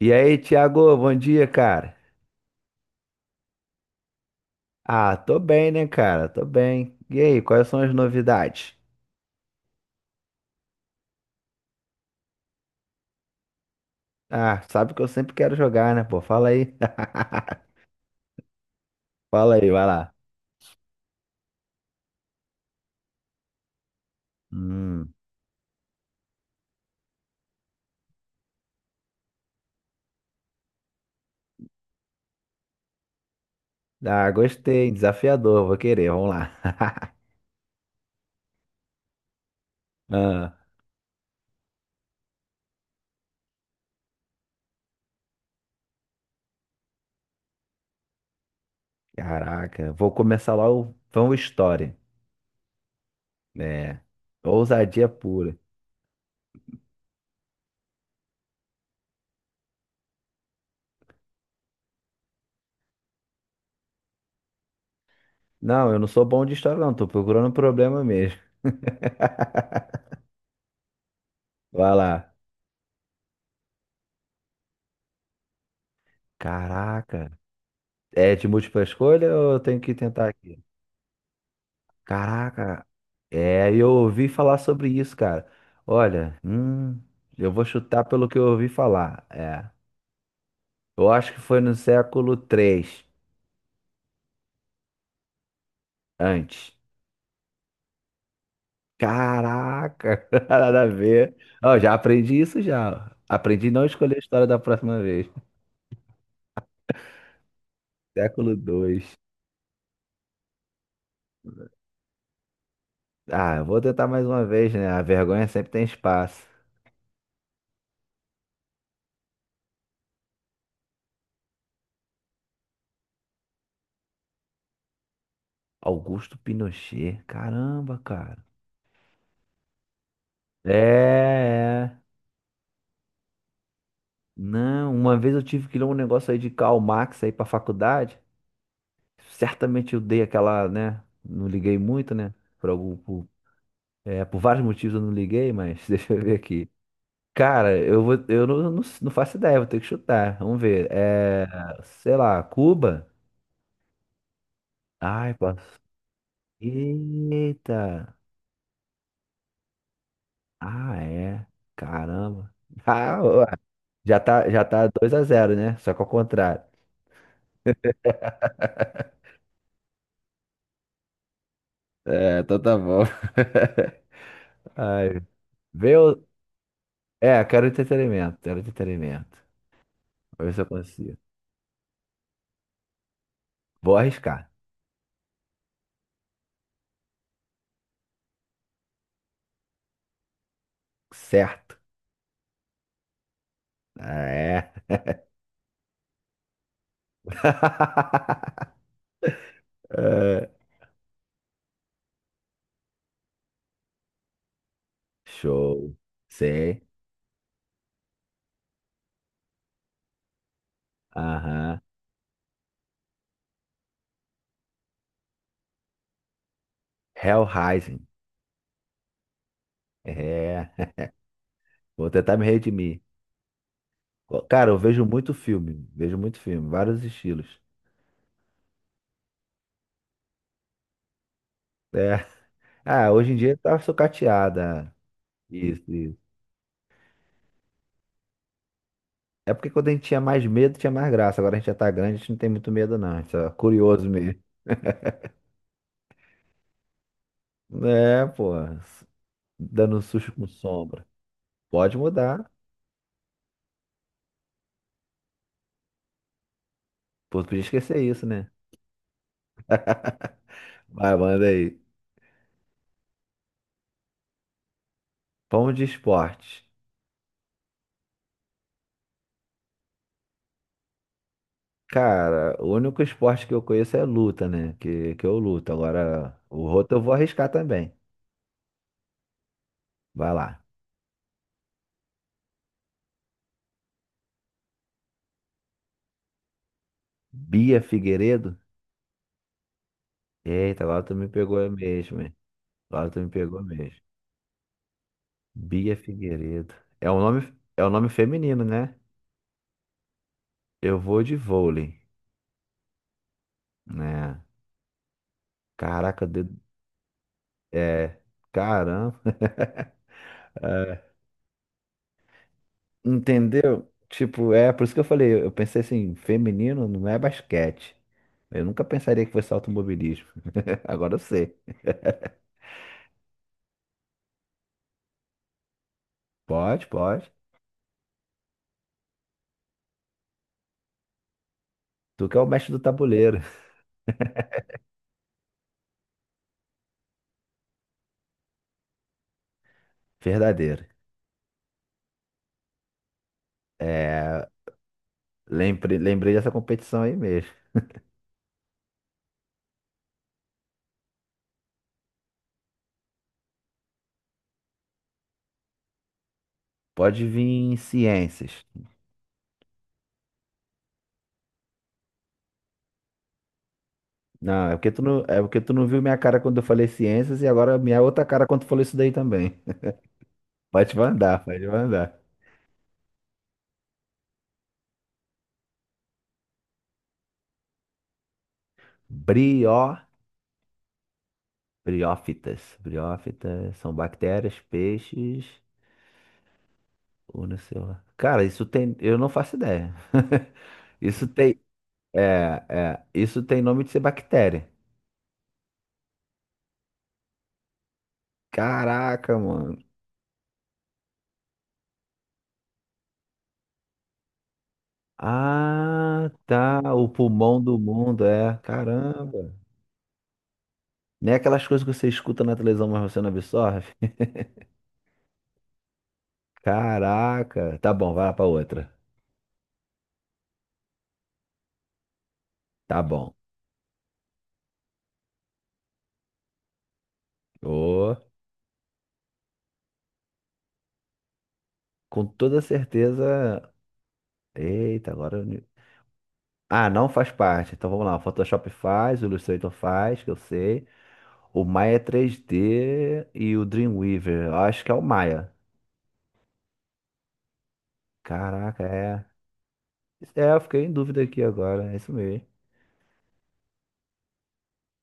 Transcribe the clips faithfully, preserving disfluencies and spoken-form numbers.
E aí, Thiago, bom dia, cara. Ah, tô bem, né, cara? Tô bem. E aí, quais são as novidades? Ah, sabe que eu sempre quero jogar, né, pô? Fala aí. Fala aí, vai lá. Hum. Ah, gostei, desafiador, vou querer, vamos lá. Ah, caraca, vou começar lá o Vão História. É, ousadia pura. Não, eu não sou bom de história, não, tô procurando um problema mesmo. Vai lá. Caraca. É de múltipla escolha ou eu tenho que tentar aqui? Caraca, é, eu ouvi falar sobre isso, cara. Olha, hum, eu vou chutar pelo que eu ouvi falar. É, eu acho que foi no século três, antes. Caraca, nada a ver. Ó, já aprendi isso já. Aprendi a não escolher a história da próxima vez. Século dois. Ah, eu vou tentar mais uma vez, né? A vergonha sempre tem espaço. Augusto Pinochet, caramba, cara. É, é. Não, uma vez eu tive que ler um negócio aí de Karl Marx aí pra faculdade. Certamente eu dei aquela, né? Não liguei muito, né? Por algum, por, é, por vários motivos eu não liguei, mas deixa eu ver aqui. Cara, eu vou, eu não, não, não faço ideia, vou ter que chutar. Vamos ver. É, sei lá, Cuba? Ai, posso. Eita! Ah, é. Caramba. Ah, ó, já tá, já tá dois a zero, né? Só que ao contrário. É, então tá bom. Ai. Vê o... É, quero entretenimento, quero entretenimento. Vou ver se eu consigo. Vou arriscar. Certo. É. É. Show. Sei. Aham. Hellraising. É. Vou tentar me redimir. Cara, eu vejo muito filme. Vejo muito filme. Vários estilos. É. Ah, hoje em dia tá sucateada. Isso, isso. É porque quando a gente tinha mais medo, tinha mais graça. Agora a gente já tá grande, a gente não tem muito medo, não. A gente tá curioso mesmo. É, pô. Dando um susto com sombra. Pode mudar. Pô, podia esquecer isso, né? Vai, manda aí. Pão de esporte. Cara, o único esporte que eu conheço é luta, né? Que, que eu luto. Agora, o outro eu vou arriscar também. Vai lá. Bia Figueiredo? Eita, agora tu me pegou mesmo, hein? Agora tu me pegou mesmo. Bia Figueiredo. É um nome, é um nome feminino, né? Eu vou de vôlei, né? Caraca, de- é. Caramba. Entendeu? Tipo, é por isso que eu falei, eu pensei assim, feminino não é basquete. Eu nunca pensaria que fosse automobilismo. Agora eu sei. Pode, pode. Tu que é o mestre do tabuleiro. Verdadeiro. É, lembrei, lembrei dessa competição aí mesmo. Pode vir em ciências. Não, é porque tu não, é porque tu não viu minha cara quando eu falei ciências e agora minha outra cara quando tu falou isso daí também. Pode mandar, pode mandar. Brio. Briófitas. Briófitas são bactérias, peixes ou não sei. Cara, isso tem. Eu não faço ideia. Isso tem. É, é, isso tem nome de ser bactéria. Caraca, mano. Ah, tá. O pulmão do mundo, é. Caramba. Nem aquelas coisas que você escuta na televisão, mas você não absorve. Caraca. Tá bom, vai lá pra outra. Tá bom. Ô, com toda certeza. Eita, agora. Ah, não faz parte. Então vamos lá. O Photoshop faz, o Illustrator faz, que eu sei. O Maya três D e o Dreamweaver. Eu acho que é o Maya. Caraca, é. É, eu fiquei em dúvida aqui agora. É isso mesmo.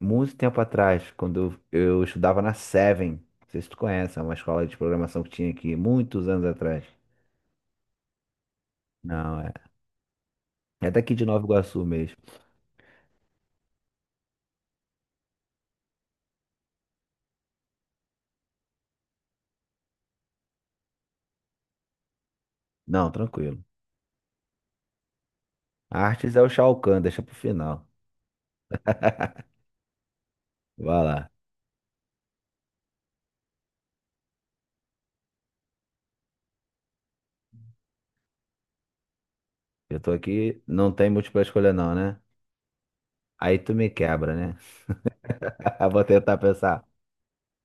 Muito tempo atrás, quando eu, eu estudava na Seven. Não sei se tu conhece, é uma escola de programação que tinha aqui muitos anos atrás. Não, é. É daqui de Nova Iguaçu mesmo. Não, tranquilo. Artes é o Shao Kahn, deixa pro final. Vai lá. Eu tô aqui, não tem múltipla escolha não, né? Aí tu me quebra, né? Eu vou tentar pensar.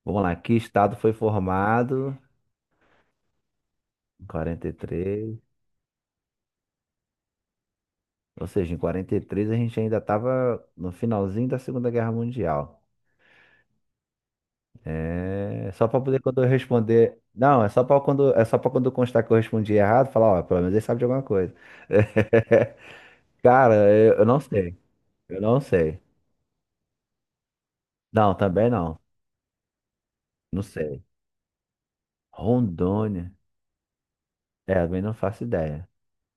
Vamos lá, que estado foi formado em quarenta e três. Ou seja, em quarenta e três a gente ainda estava no finalzinho da Segunda Guerra Mundial. É só para poder quando eu responder. Não, é só para quando é só para quando constar que eu respondi errado, falar, ó, pelo menos ele sabe de alguma coisa. Cara, eu eu não sei. Eu não sei. Não, também não. Não sei. Rondônia. É, também não faço ideia.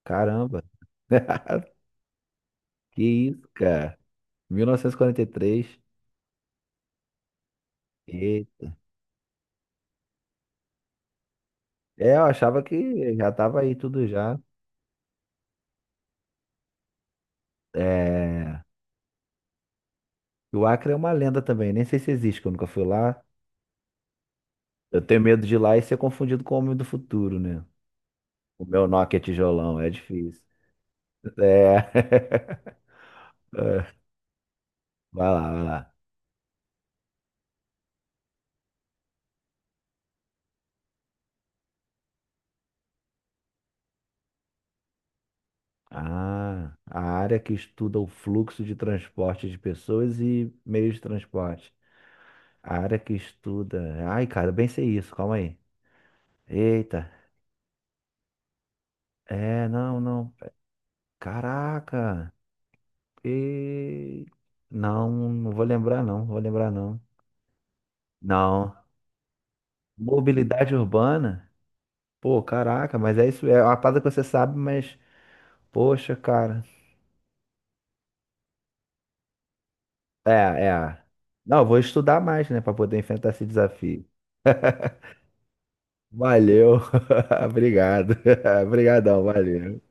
Caramba. Que isso, cara? mil novecentos e quarenta e três. E quarenta e três. E é, eu achava que já tava aí tudo já. É, e o Acre é uma lenda também, nem sei se existe, que eu nunca fui lá. Eu tenho medo de ir lá e ser confundido com o homem do futuro, né? O meu Nokia tijolão, é difícil. É. Vai lá, vai lá. Ah, a área que estuda o fluxo de transporte de pessoas e meios de transporte. A área que estuda. Ai, cara, eu bem sei isso, calma aí. Eita. É, não, não. Caraca. E não, não vou lembrar não, vou lembrar não. Não. Mobilidade urbana? Pô, caraca, mas é isso, é uma parada que você sabe, mas poxa, cara. É, é. Não, eu vou estudar mais, né, pra poder enfrentar esse desafio. Valeu. Obrigado. Obrigadão, valeu.